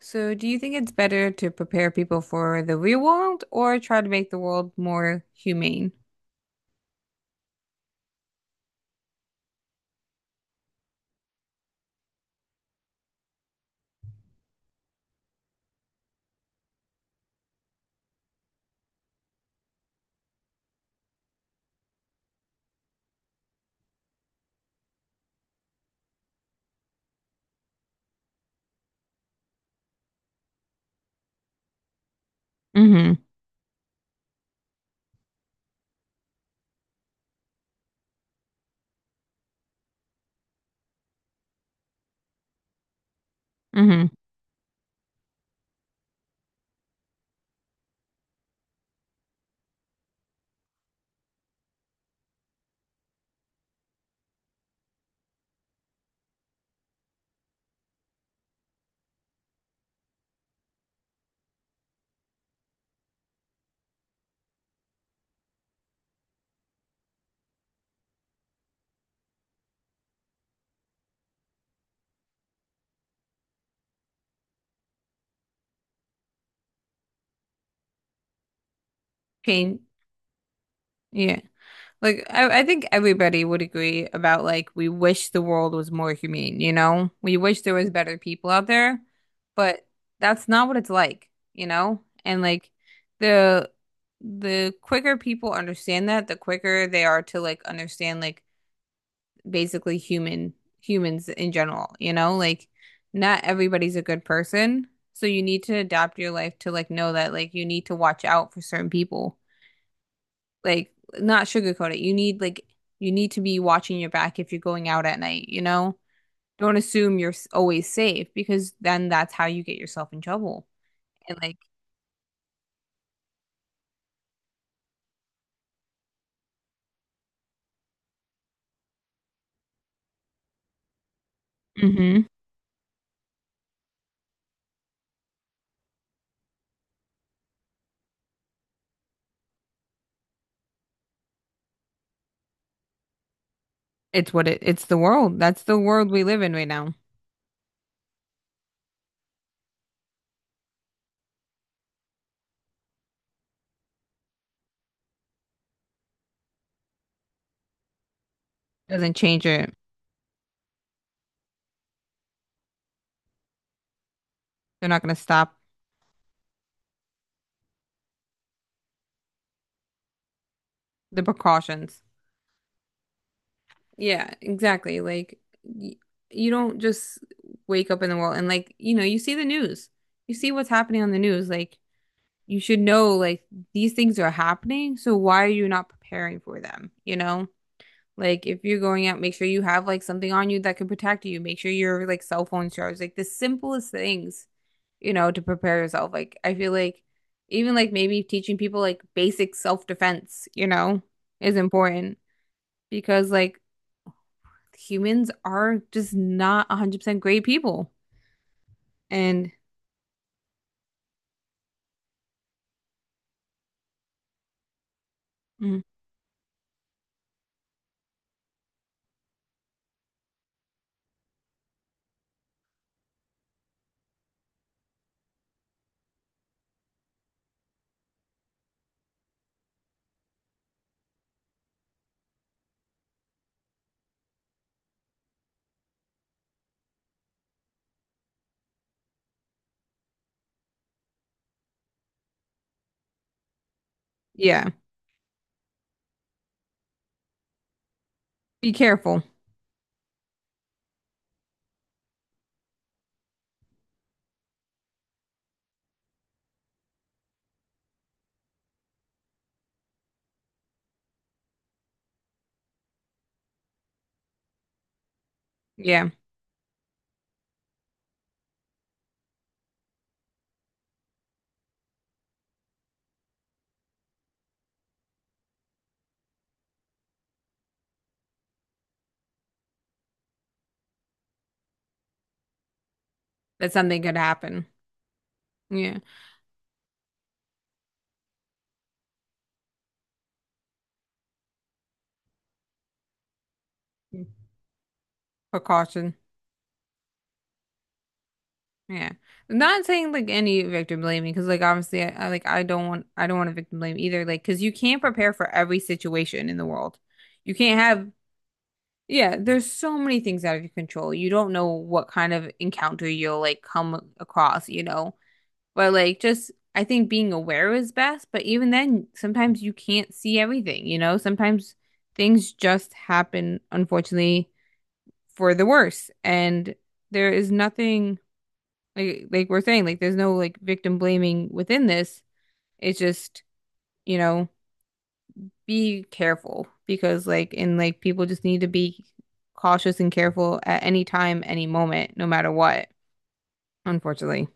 So, do you think it's better to prepare people for the real world or try to make the world more humane? Mm-hmm. Mm-hmm. Change, yeah. Like, I think everybody would agree about like we wish the world was more humane, you know? We wish there was better people out there, but that's not what it's like, you know? And like the the quicker people understand that, the quicker they are to like understand like basically human humans in general, you know? Like not everybody's a good person, so you need to adapt your life to like know that like you need to watch out for certain people. Like not sugarcoat it. You need like you need to be watching your back if you're going out at night, you know? Don't assume you're always safe because then that's how you get yourself in trouble. And like hmm it's what it it's the world. That's the world we live in right now. Doesn't change it. They're not going to stop the precautions. Yeah, exactly. Like y You don't just wake up in the world and like, you know, you see the news. You see what's happening on the news. Like you should know like these things are happening, so why are you not preparing for them, you know? Like if you're going out, make sure you have like something on you that can protect you. Make sure your like cell phone's charged. Like the simplest things, you know, to prepare yourself. Like I feel like even like maybe teaching people like basic self-defense, you know, is important because like humans are just not 100% great people. And mm, yeah, be careful. Yeah, that something could happen. Yeah, precaution. Yeah, I'm not saying like any victim blaming because like obviously I like I don't want to victim blame either. Like because you can't prepare for every situation in the world. You can't have Yeah. There's so many things out of your control. You don't know what kind of encounter you'll like come across. You know, but like just I think being aware is best, but even then sometimes you can't see everything, you know? Sometimes things just happen, unfortunately, for the worse. And there is nothing like we're saying, like there's no like victim blaming within this. It's just, you know, be careful because like people just need to be cautious and careful at any time, any moment, no matter what, unfortunately.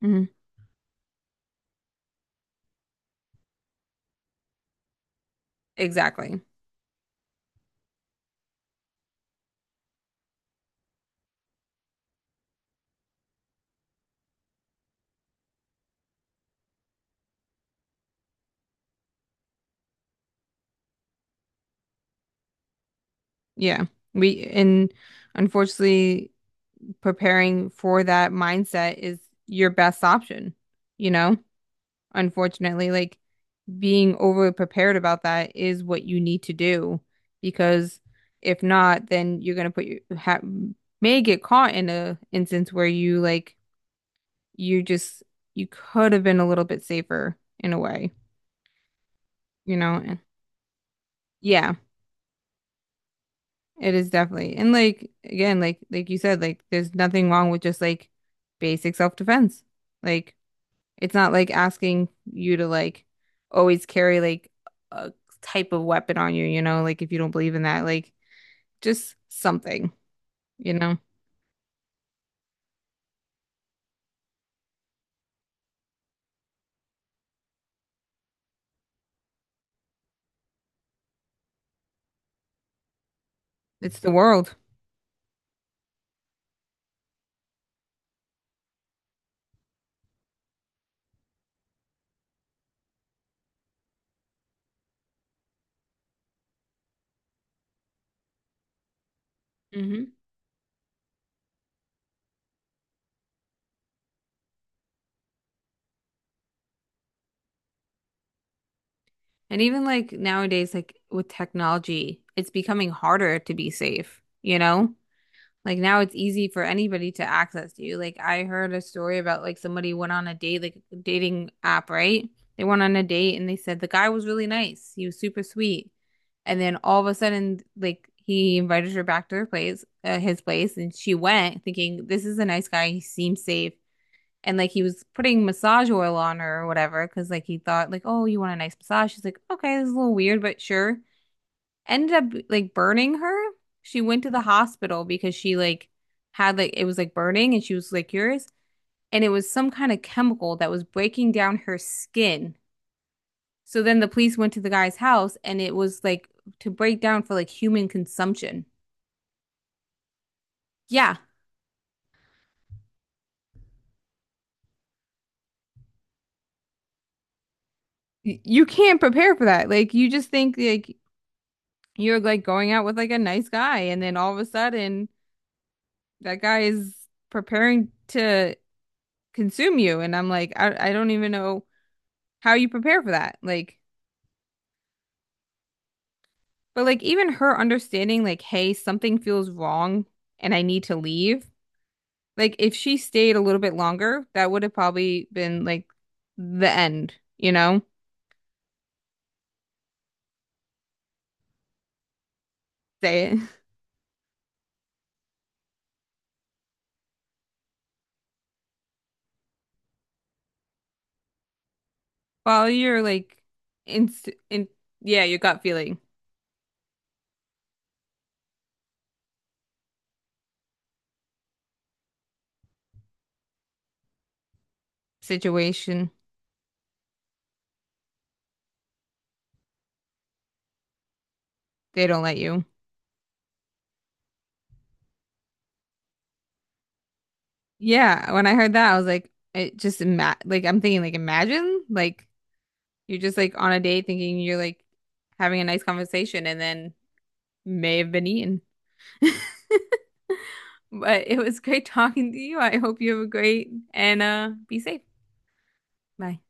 Mhm. Exactly. Yeah. We and unfortunately preparing for that mindset is your best option, you know? Unfortunately, like being overly prepared about that is what you need to do because if not, then you're gonna put your ha may get caught in a instance where you just you could have been a little bit safer in a way, you know? And- Yeah. It is definitely. And like again, like you said, like there's nothing wrong with just like basic self-defense. Like it's not like asking you to like always carry like a type of weapon on you, you know, like if you don't believe in that, like just something, you know. It's the world. Hmm. And even like nowadays, like with technology, it's becoming harder to be safe, you know? Like now it's easy for anybody to access you. Like I heard a story about like somebody went on a date, like a dating app, right? They went on a date and they said the guy was really nice. He was super sweet. And then all of a sudden, like he invited her back to his place, and she went thinking this is a nice guy. He seems safe. And like he was putting massage oil on her or whatever, because like he thought like, oh, you want a nice massage? She's like, okay, this is a little weird, but sure ended up like burning her. She went to the hospital because she like had like it was like burning and she was like curious, and it was some kind of chemical that was breaking down her skin. So then the police went to the guy's house and it was like to break down for like human consumption. Yeah. You can't prepare for that. Like you just think like you're like going out with like a nice guy and then all of a sudden that guy is preparing to consume you and I'm like I don't even know how you prepare for that. Like but like even her understanding like, hey, something feels wrong and I need to leave. Like if she stayed a little bit longer, that would have probably been like the end, you know? Say it. Follow your like in in yeah, your gut feeling situation. They don't let you. Yeah, when I heard that, I was like it just ima like I'm thinking like imagine like you're just like on a date thinking you're like having a nice conversation and then may have been eaten. But it was great talking to you. I hope you have a great and be safe. Bye.